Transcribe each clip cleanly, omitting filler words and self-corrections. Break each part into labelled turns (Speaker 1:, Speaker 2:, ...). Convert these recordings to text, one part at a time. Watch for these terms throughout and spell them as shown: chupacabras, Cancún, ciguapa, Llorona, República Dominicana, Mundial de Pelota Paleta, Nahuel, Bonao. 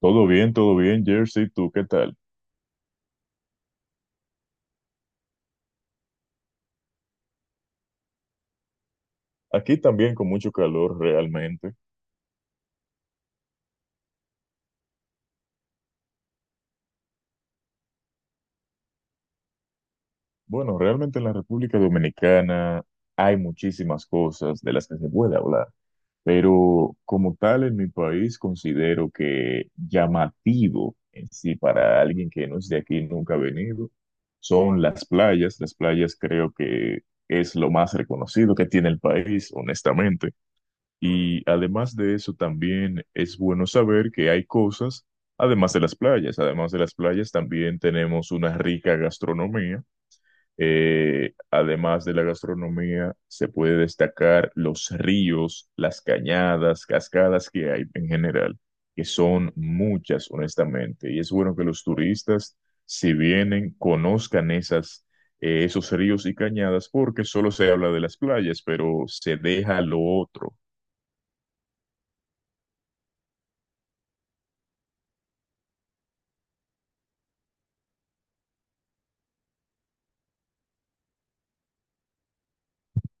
Speaker 1: Todo bien, Jersey, ¿tú qué tal? Aquí también con mucho calor realmente. Bueno, realmente en la República Dominicana hay muchísimas cosas de las que se puede hablar, pero como tal en mi país considero que llamativo en sí para alguien que no es de aquí, nunca ha venido, son las playas. Las playas creo que es lo más reconocido que tiene el país, honestamente. Y además de eso, también es bueno saber que hay cosas, además de las playas, también tenemos una rica gastronomía. Además de la gastronomía, se puede destacar los ríos, las cañadas, cascadas que hay en general, que son muchas, honestamente. Y es bueno que los turistas, si vienen, conozcan esas, esos ríos y cañadas, porque solo se habla de las playas, pero se deja lo otro.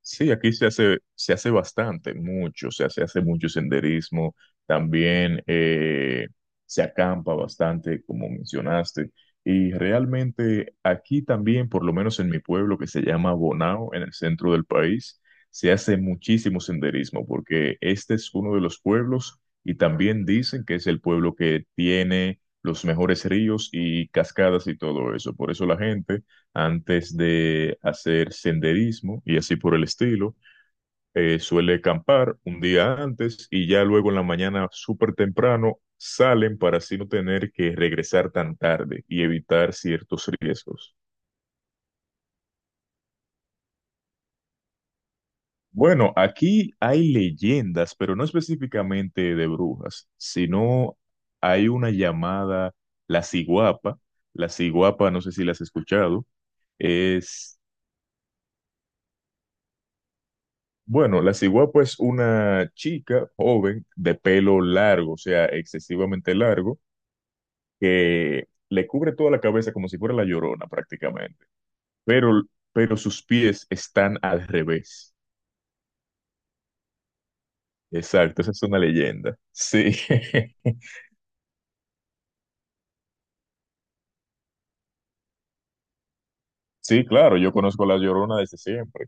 Speaker 1: Sí, aquí se hace bastante, mucho, o sea, se hace mucho senderismo, también se acampa bastante, como mencionaste, y realmente aquí también, por lo menos en mi pueblo que se llama Bonao, en el centro del país, se hace muchísimo senderismo, porque este es uno de los pueblos y también dicen que es el pueblo que tiene los mejores ríos y cascadas y todo eso, por eso la gente antes de hacer senderismo y así por el estilo. Suele acampar un día antes y ya luego en la mañana súper temprano salen para así no tener que regresar tan tarde y evitar ciertos riesgos. Bueno, aquí hay leyendas, pero no específicamente de brujas, sino hay una llamada la ciguapa. La ciguapa, no sé si la has escuchado, es... Bueno, la ciguapa es una chica joven de pelo largo, o sea, excesivamente largo, que le cubre toda la cabeza como si fuera la Llorona prácticamente, pero, sus pies están al revés. Exacto, esa es una leyenda. Sí, sí, claro, yo conozco a la Llorona desde siempre.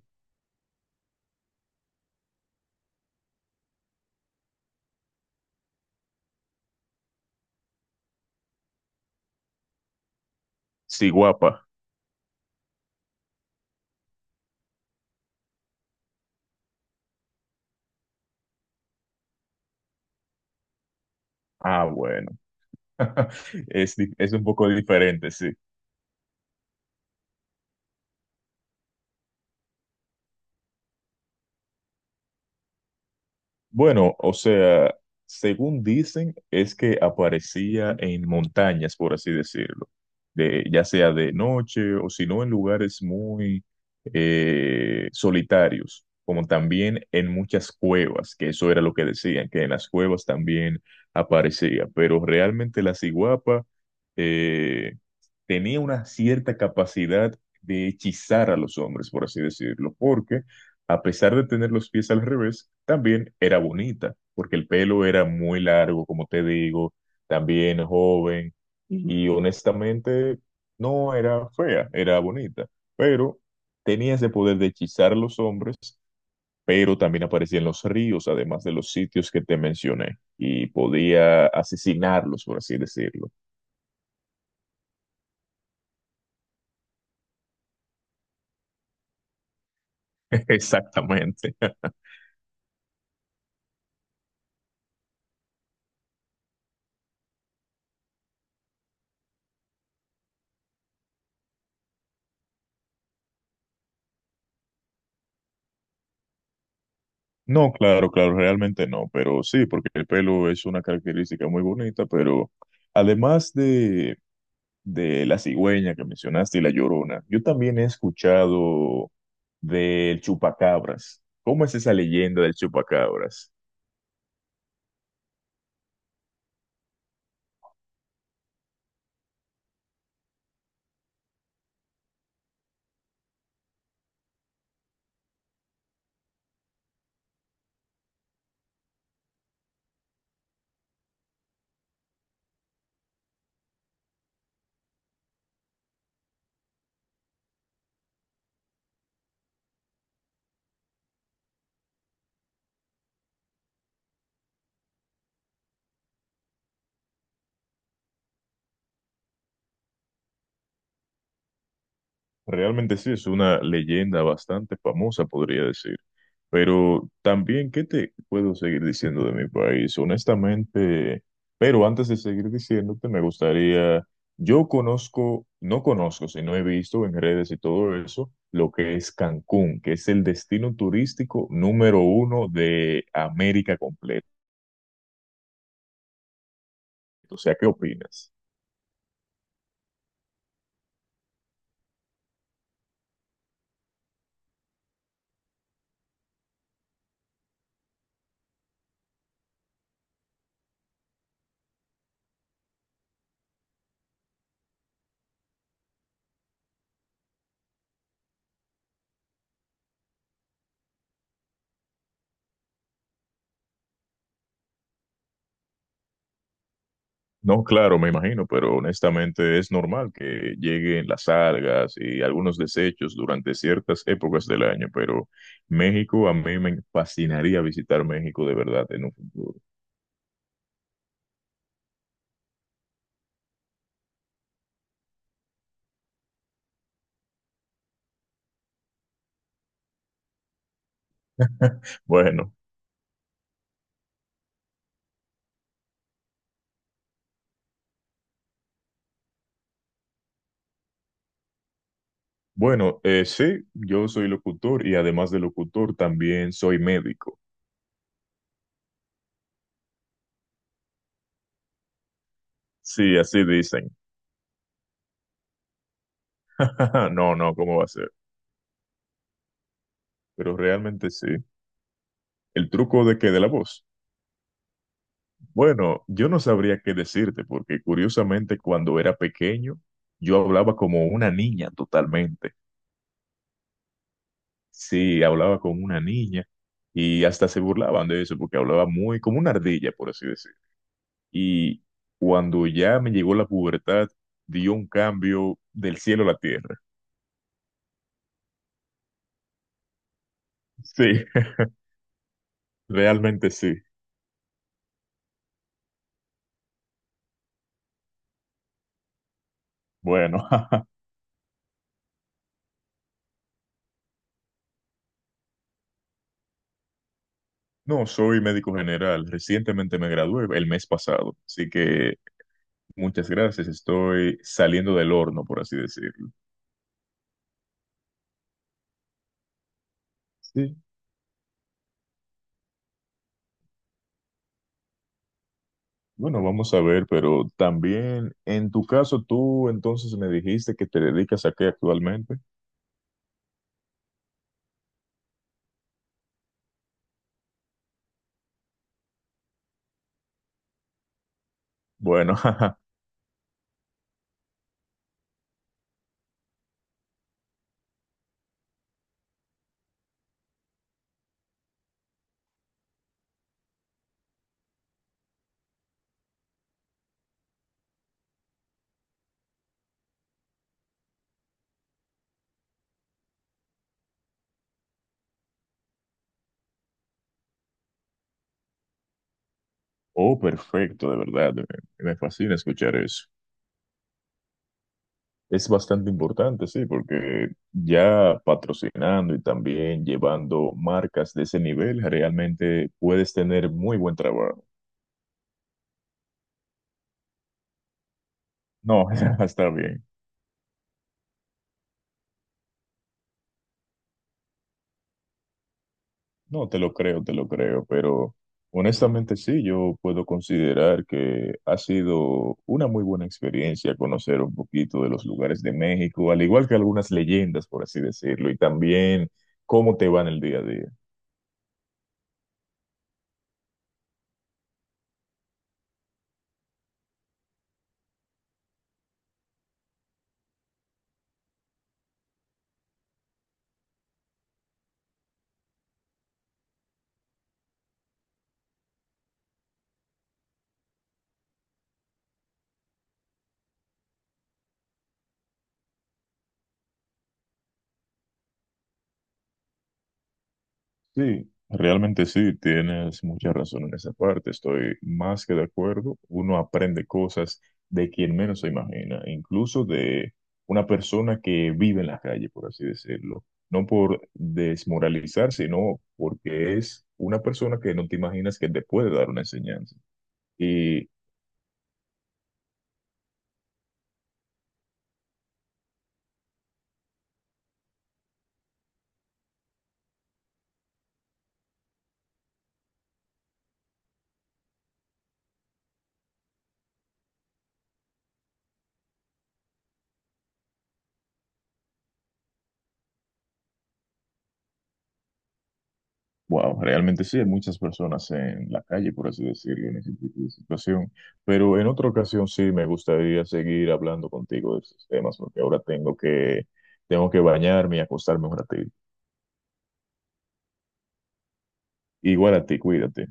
Speaker 1: Ciguapa. Ah, bueno. Es un poco diferente, sí. Bueno, o sea, según dicen, es que aparecía en montañas, por así decirlo, de, ya sea de noche o si no en lugares muy solitarios, como también en muchas cuevas, que eso era lo que decían, que en las cuevas también aparecía, pero realmente la ciguapa tenía una cierta capacidad de hechizar a los hombres, por así decirlo, porque a pesar de tener los pies al revés, también era bonita, porque el pelo era muy largo, como te digo, también joven, y honestamente no era fea, era bonita, pero tenía ese poder de hechizar a los hombres, pero también aparecía en los ríos, además de los sitios que te mencioné, y podía asesinarlos, por así decirlo. Exactamente. No, claro, claro, realmente no, pero sí, porque el pelo es una característica muy bonita, pero además de la cigüeña que mencionaste y la llorona, yo también he escuchado del chupacabras. ¿Cómo es esa leyenda del chupacabras? Realmente sí, es una leyenda bastante famosa, podría decir. Pero también, ¿qué te puedo seguir diciendo de mi país? Honestamente, pero antes de seguir diciéndote, me gustaría, yo conozco, no conozco, sino he visto en redes y todo eso, lo que es Cancún, que es el destino turístico número uno de América completa. O sea, ¿qué opinas? No, claro, me imagino, pero honestamente es normal que lleguen las algas y algunos desechos durante ciertas épocas del año, pero México, a mí me fascinaría visitar México de verdad en un futuro. Bueno, bueno, sí, yo soy locutor y además de locutor también soy médico. Sí, así dicen. No, no, ¿cómo va a ser? Pero realmente sí. El truco de que de la voz. Bueno, yo no sabría qué decirte, porque curiosamente cuando era pequeño, yo hablaba como una niña totalmente. Sí, hablaba como una niña y hasta se burlaban de eso, porque hablaba muy como una ardilla, por así decir. Y cuando ya me llegó la pubertad, dio un cambio del cielo a la tierra. Sí, realmente sí. Bueno, no, soy médico general. Recientemente me gradué el mes pasado, así que muchas gracias. Estoy saliendo del horno, por así decirlo. Sí, bueno, vamos a ver, pero también en tu caso, tú entonces me dijiste que te dedicas a qué actualmente. Bueno, jaja. Oh, perfecto, de verdad, me fascina escuchar eso. Es bastante importante, sí, porque ya patrocinando y también llevando marcas de ese nivel, realmente puedes tener muy buen trabajo. No, está bien. No, te lo creo, pero honestamente sí, yo puedo considerar que ha sido una muy buena experiencia conocer un poquito de los lugares de México, al igual que algunas leyendas, por así decirlo, y también cómo te va en el día a día. Sí, realmente sí, tienes mucha razón en esa parte, estoy más que de acuerdo. Uno aprende cosas de quien menos se imagina, incluso de una persona que vive en la calle, por así decirlo. No por desmoralizar, sino porque es una persona que no te imaginas que te puede dar una enseñanza. Wow, realmente sí, hay muchas personas en la calle, por así decirlo, en ese tipo de situación. Pero en otra ocasión sí me gustaría seguir hablando contigo de estos temas, porque ahora tengo que bañarme y acostarme un ratito. Igual a ti, cuídate.